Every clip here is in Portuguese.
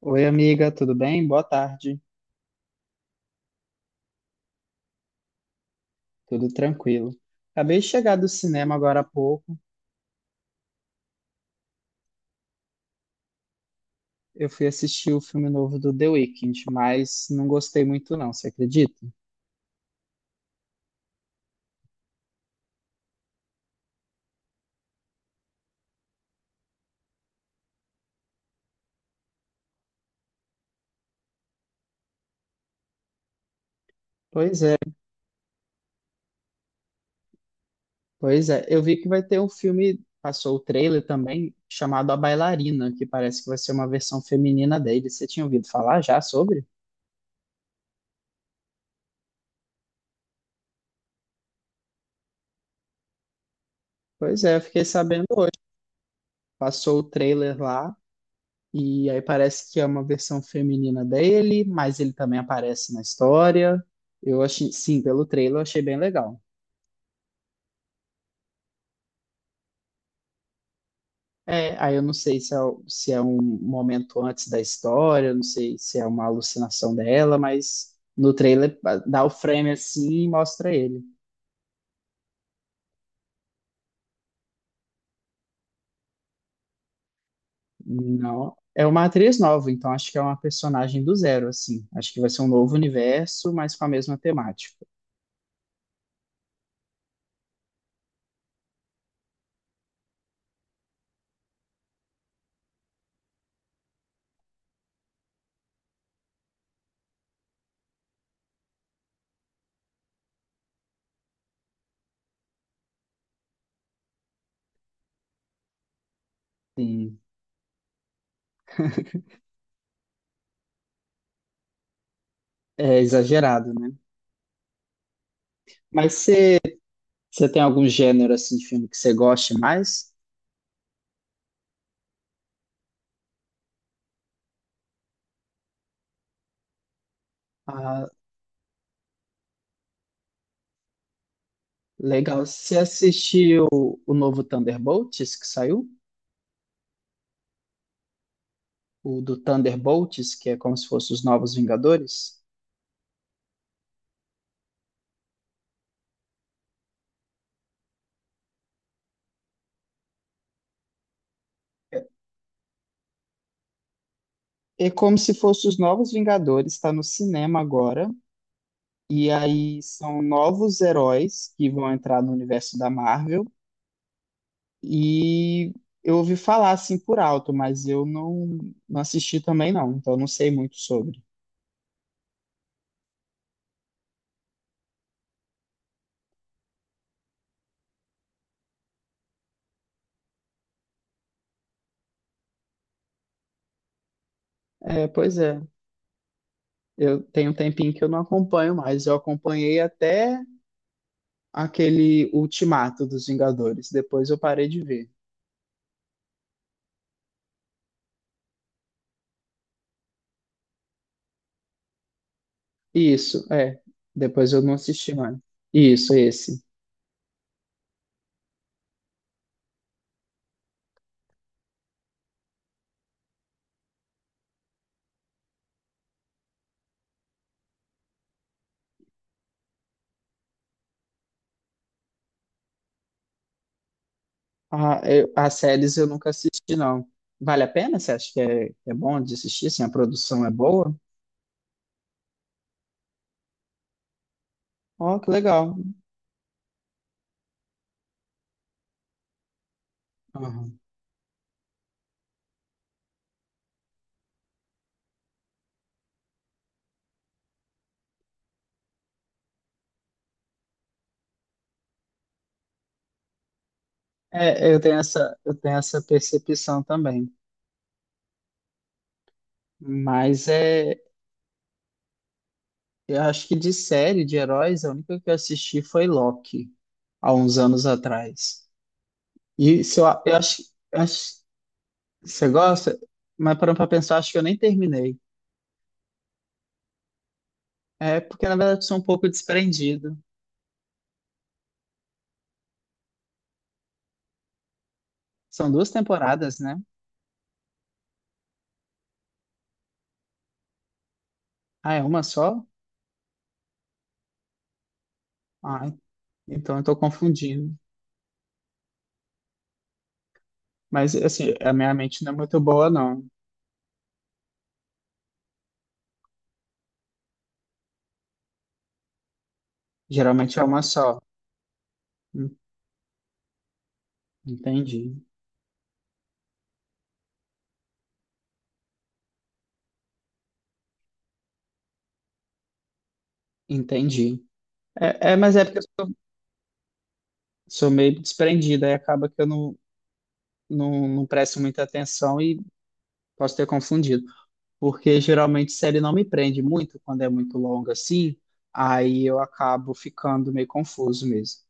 Oi, amiga, tudo bem? Boa tarde. Tudo tranquilo. Acabei de chegar do cinema agora há pouco. Eu fui assistir o filme novo do The Weeknd, mas não gostei muito não, você acredita? Pois é, pois é. Eu vi que vai ter um filme, passou o trailer também, chamado A Bailarina, que parece que vai ser uma versão feminina dele. Você tinha ouvido falar já sobre? Pois é, eu fiquei sabendo hoje. Passou o trailer lá. E aí parece que é uma versão feminina dele, mas ele também aparece na história. Eu achei, sim, pelo trailer eu achei bem legal. É, aí eu não sei se é um momento antes da história, não sei se é uma alucinação dela, mas no trailer dá o frame assim e mostra ele. Não, é uma atriz nova, então acho que é uma personagem do zero, assim. Acho que vai ser um novo universo, mas com a mesma temática. Sim, é exagerado, né? Mas você Você tem algum gênero assim de filme que você goste mais? Ah, legal. Você assistiu o novo Thunderbolts que saiu? O do Thunderbolts, que é como se fosse os Novos Vingadores? É, é como se fosse os Novos Vingadores, está no cinema agora. E aí são novos heróis que vão entrar no universo da Marvel. E eu ouvi falar assim por alto, mas eu não, não assisti também não, então eu não sei muito sobre. É, pois é. Eu tenho um tempinho que eu não acompanho mais. Eu acompanhei até aquele Ultimato dos Vingadores. Depois eu parei de ver. Isso, é. Depois eu não assisti mais. Isso, esse. Ah, eu- as séries eu nunca assisti, não. Vale a pena? Você acha que é bom de assistir? Assim, a produção é boa? Ó, que legal. Aham. É, eu tenho essa percepção também. Mas é, eu acho que de série de heróis, a única que eu assisti foi Loki, há uns anos atrás. E se eu, eu acho, você gosta, mas parando pra pensar, acho que eu nem terminei. É porque, na verdade, eu sou um pouco desprendido. São duas temporadas, né? Ah, é uma só? Ah, então eu tô confundindo. Mas, assim, a minha mente não é muito boa, não. Geralmente é uma só. Hum, Entendi, entendi. Mas é porque eu sou meio desprendido, aí acaba que eu não, não, não presto muita atenção e posso ter confundido. Porque geralmente série não me prende muito quando é muito longa assim, aí eu acabo ficando meio confuso mesmo.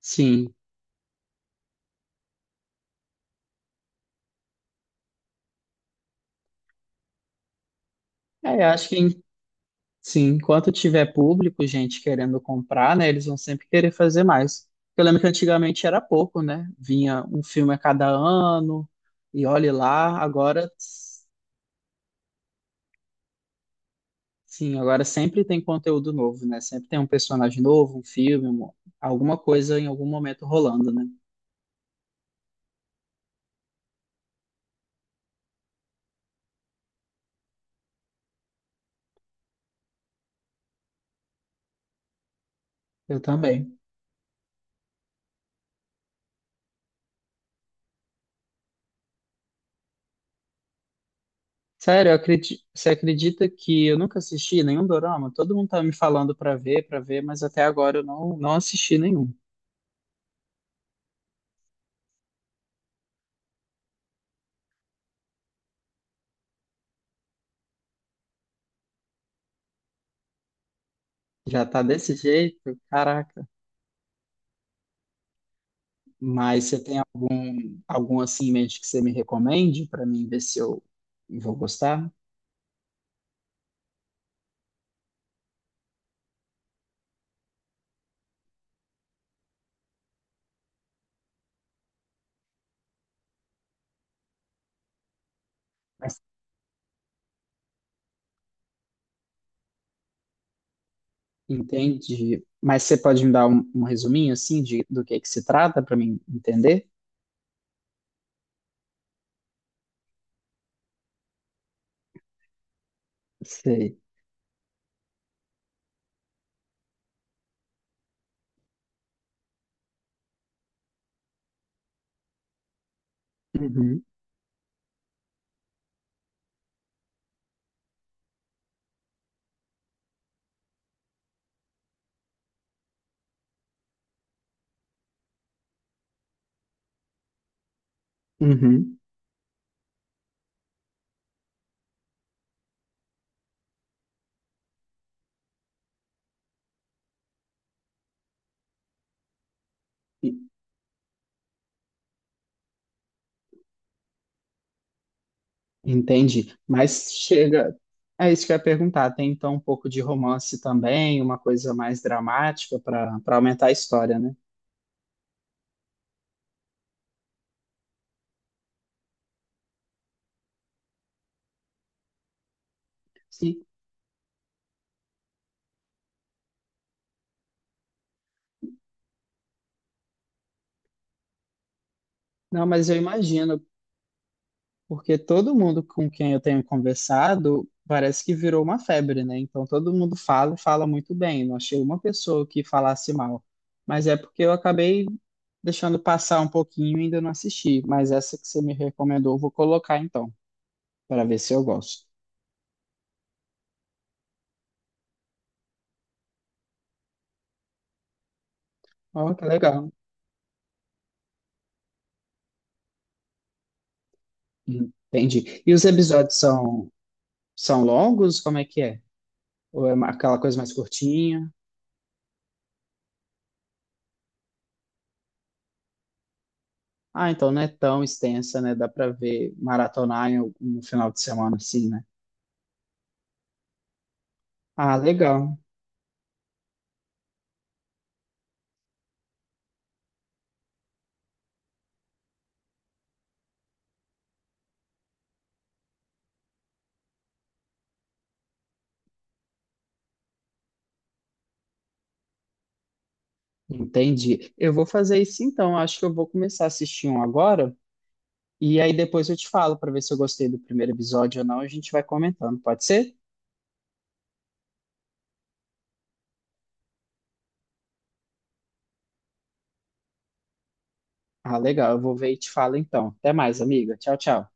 Sim, é, eu acho que em- sim, enquanto tiver público, gente querendo comprar, né, eles vão sempre querer fazer mais. Eu lembro que antigamente era pouco, né? Vinha um filme a cada ano, e olhe lá, agora sempre tem conteúdo novo, né? Sempre tem um personagem novo, um filme, um- alguma coisa em algum momento rolando, né? Eu também. Sério, eu acredi- você acredita que eu nunca assisti nenhum dorama? Todo mundo tá me falando pra ver, mas até agora eu não, não assisti nenhum. Já tá desse jeito? Caraca. Mas você tem al- algum assim em mente que você me recomende pra mim ver se eu vou gostar? Mas- Entende? Mas você pode me dar um resuminho assim de, do que se trata pra mim entender? Sei. Uhum. Uhum. Entendi. Mas chega. É isso que eu ia perguntar. Tem então um pouco de romance também, uma coisa mais dramática para aumentar a história, né? Sim. Não, mas eu imagino, porque todo mundo com quem eu tenho conversado parece que virou uma febre, né? Então todo mundo fala e fala muito bem. Não achei uma pessoa que falasse mal. Mas é porque eu acabei deixando passar um pouquinho e ainda não assisti. Mas essa que você me recomendou, eu vou colocar então, para ver se eu gosto. Ó, que legal. Entendi. E os episódios são, são longos? Como é que é? Ou é uma- aquela coisa mais curtinha? Ah, então não é tão extensa, né? Dá pra ver maratonar em algum- no final de semana, assim, né? Ah, legal. Entendi. Eu vou fazer isso então. Acho que eu vou começar a assistir um agora. E aí depois eu te falo pra ver se eu gostei do primeiro episódio ou não. A gente vai comentando, pode ser? Ah, legal. Eu vou ver e te falo então. Até mais, amiga. Tchau, tchau.